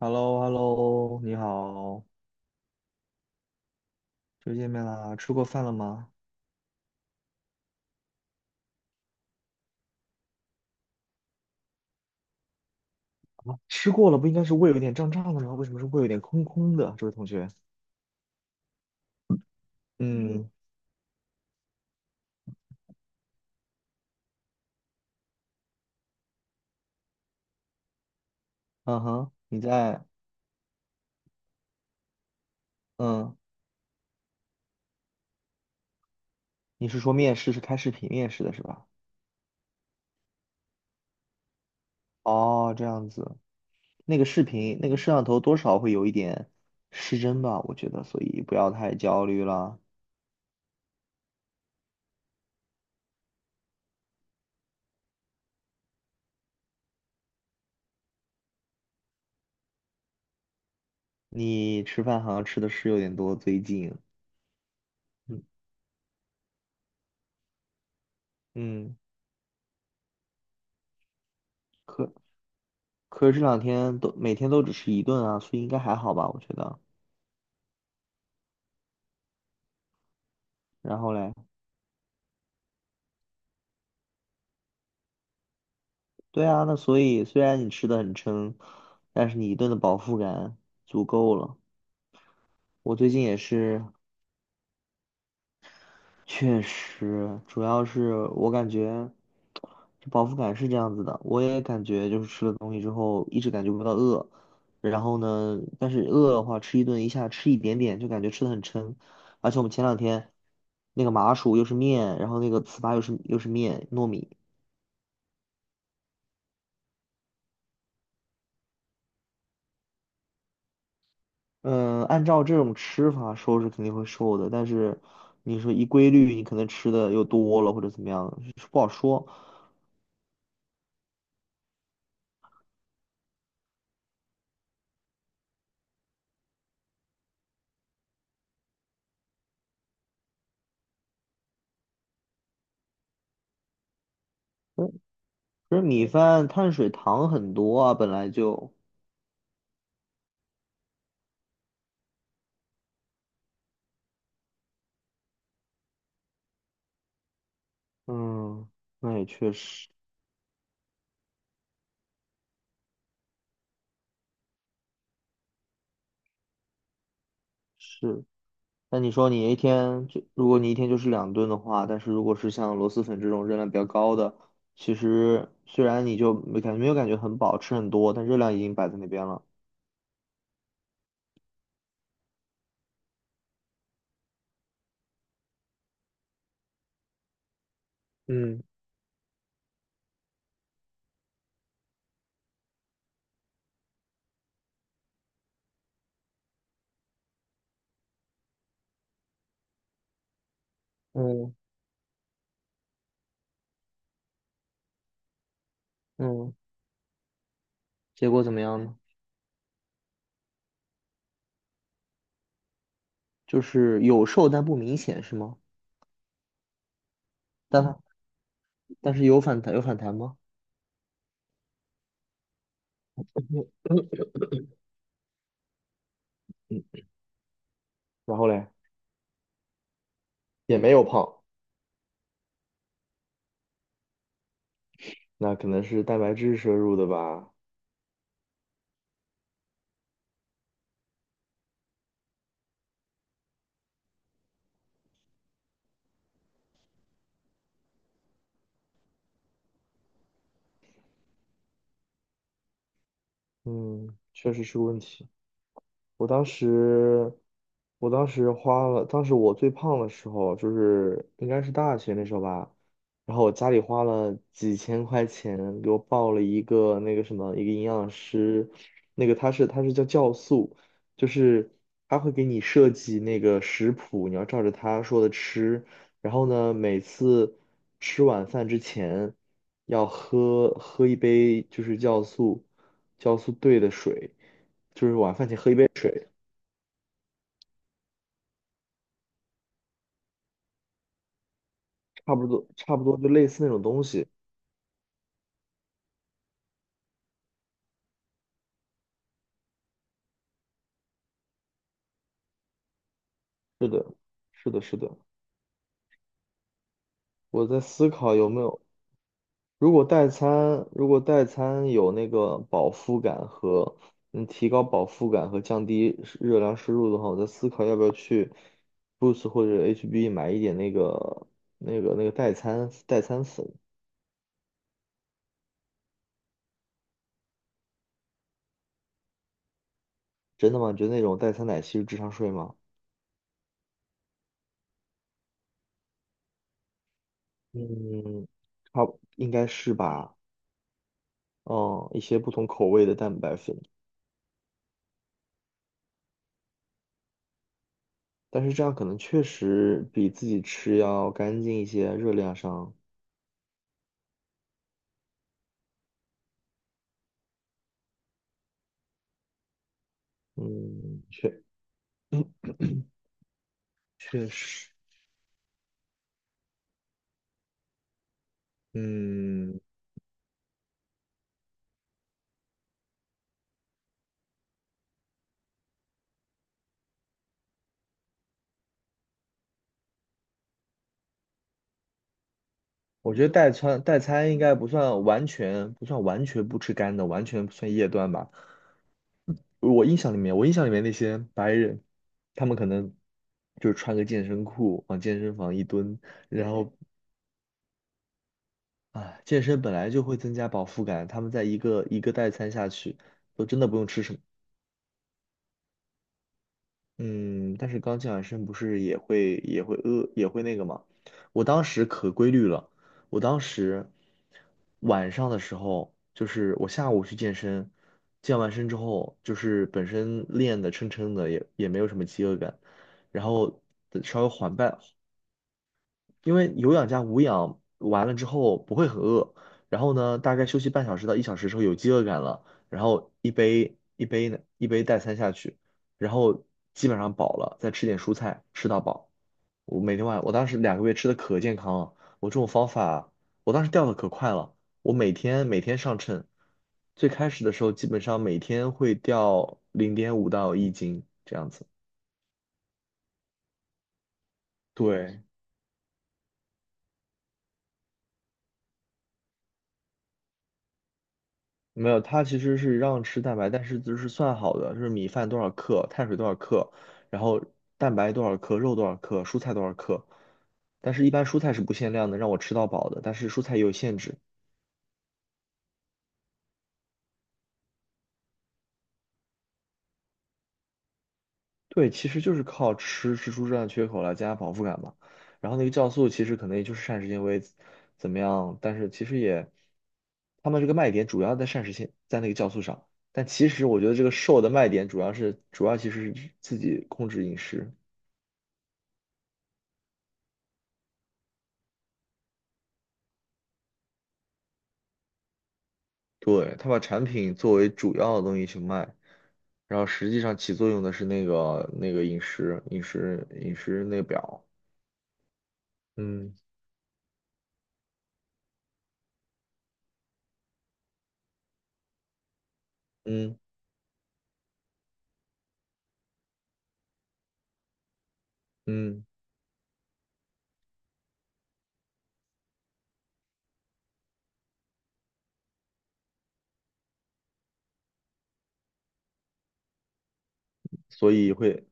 h e l l o h e l l o 你好，又见面啦，吃过饭了吗？啊，吃过了，不应该是胃有点胀胀的吗？为什么是胃有点空空的？这位同学，嗯，嗯哼，你在，嗯，你是说面试是开视频面试的是吧？哦，这样子，那个视频，那个摄像头多少会有一点失真吧？我觉得，所以不要太焦虑了。你吃饭好像吃的是有点多，最近，嗯，嗯，可可是这两天都每天都只吃一顿啊，所以应该还好吧？我觉得。然后嘞，对啊，那所以虽然你吃的很撑，但是你一顿的饱腹感足够了。我最近也是，确实，主要是我感觉这饱腹感是这样子的，我也感觉就是吃了东西之后一直感觉不到饿，然后呢，但是饿的话吃一顿一下吃一点点就感觉吃的很撑，而且我们前两天那个麻薯又是面，然后那个糍粑又是面糯米。嗯，按照这种吃法，瘦是肯定会瘦的，但是你说一规律，你可能吃的又多了或者怎么样，是不好说。可是米饭碳水糖很多啊，本来就，嗯，那也确实是。那你说你一天就，如果你一天就是2顿的话，但是如果是像螺蛳粉这种热量比较高的，其实虽然你就没有感觉很饱，吃很多，但热量已经摆在那边了。嗯嗯嗯，结果怎么样呢？就是有瘦但不明显是吗？但它但是有反弹吗？嗯，然后嘞，也没有胖，那可能是蛋白质摄入的吧。嗯，确实是个问题。我当时，我当时花了，当时我最胖的时候，就是应该是大学那时候吧，然后我家里花了几千块钱给我报了一个那个什么，一个营养师，那个他是叫酵素，就是他会给你设计那个食谱，你要照着他说的吃，然后呢，每次吃晚饭之前要喝一杯就是酵素兑的水。差不多,就类似那种东西。是的，是的，是的。我在思考有没有，如果代餐，如果代餐有那个饱腹感和能提高饱腹感和降低摄热量摄入的话，我在思考要不要去 Boost 或者 HB 买一点那个代餐粉。真的吗？你觉得那种代餐奶昔是智商税吗？嗯，差不应该是吧。嗯，一些不同口味的蛋白粉。但是这样可能确实比自己吃要干净一些，热量上，嗯，确实，嗯，我觉得代餐应该不算完全不吃干的，完全不算夜断吧。我印象里面,那些白人，他们可能就是穿个健身裤往健身房一蹲，然后啊，健身本来就会增加饱腹感，他们在一个一个代餐下去，都真的不用吃什么。嗯，但是刚健完身不是也会饿也会那个嘛？我当时可规律了，我当时晚上的时候，就是我下午去健身，健完身之后，就是本身练的撑撑的，也也没有什么饥饿感，然后，稍微缓半因为有氧加无氧完了之后不会很饿，然后呢，大概休息半小时到1小时之后有饥饿感了，然后一杯代餐下去，然后基本上饱了，再吃点蔬菜吃到饱。我每天晚我当时2个月吃的可健康了，我这种方法我当时掉的可快了，我每天每天上称，最开始的时候基本上每天会掉0.5到1斤这样子。对，没有，它其实是让吃蛋白，但是就是算好的，就是米饭多少克，碳水多少克，然后蛋白多少克，肉多少克，蔬菜多少克。但是，一般蔬菜是不限量的，让我吃到饱的。但是蔬菜也有限制。对，其实就是靠吃吃出这样的缺口来增加饱腹感嘛。然后那个酵素其实可能也就是膳食纤维怎么样，但是其实也，他们这个卖点主要在膳食纤，在那个酵素上。但其实我觉得这个瘦的卖点主要其实是自己控制饮食。对，他把产品作为主要的东西去卖，然后实际上起作用的是那个饮食那个表，嗯嗯嗯，所以会，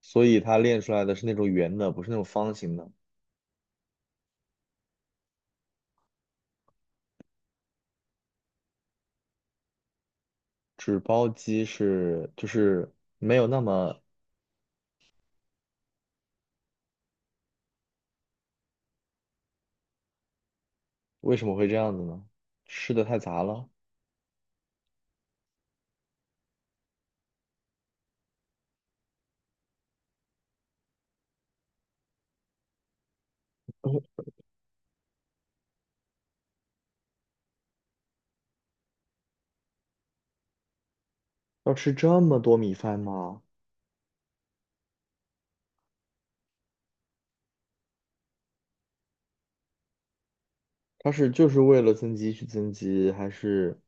所以他练出来的是那种圆的，不是那种方形的。纸包鸡就是没有那么，为什么会这样子呢？吃的太杂了，要吃这么多米饭吗？他就是为了增肌去增肌，还是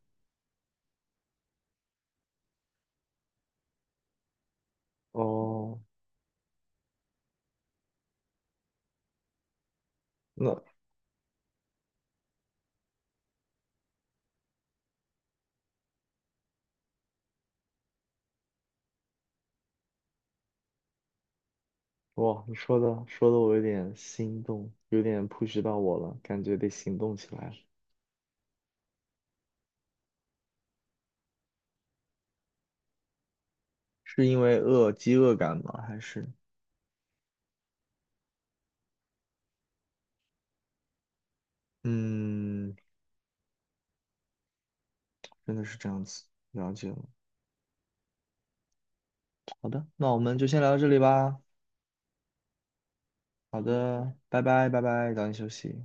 哦？那？哇，你说的我有点心动，有点 push 到我了，感觉得行动起来了。是因为饿，饥饿感吗？还是嗯，真的是这样子，了解了。好的，那我们就先聊到这里吧。好的，拜拜，拜拜，早点休息。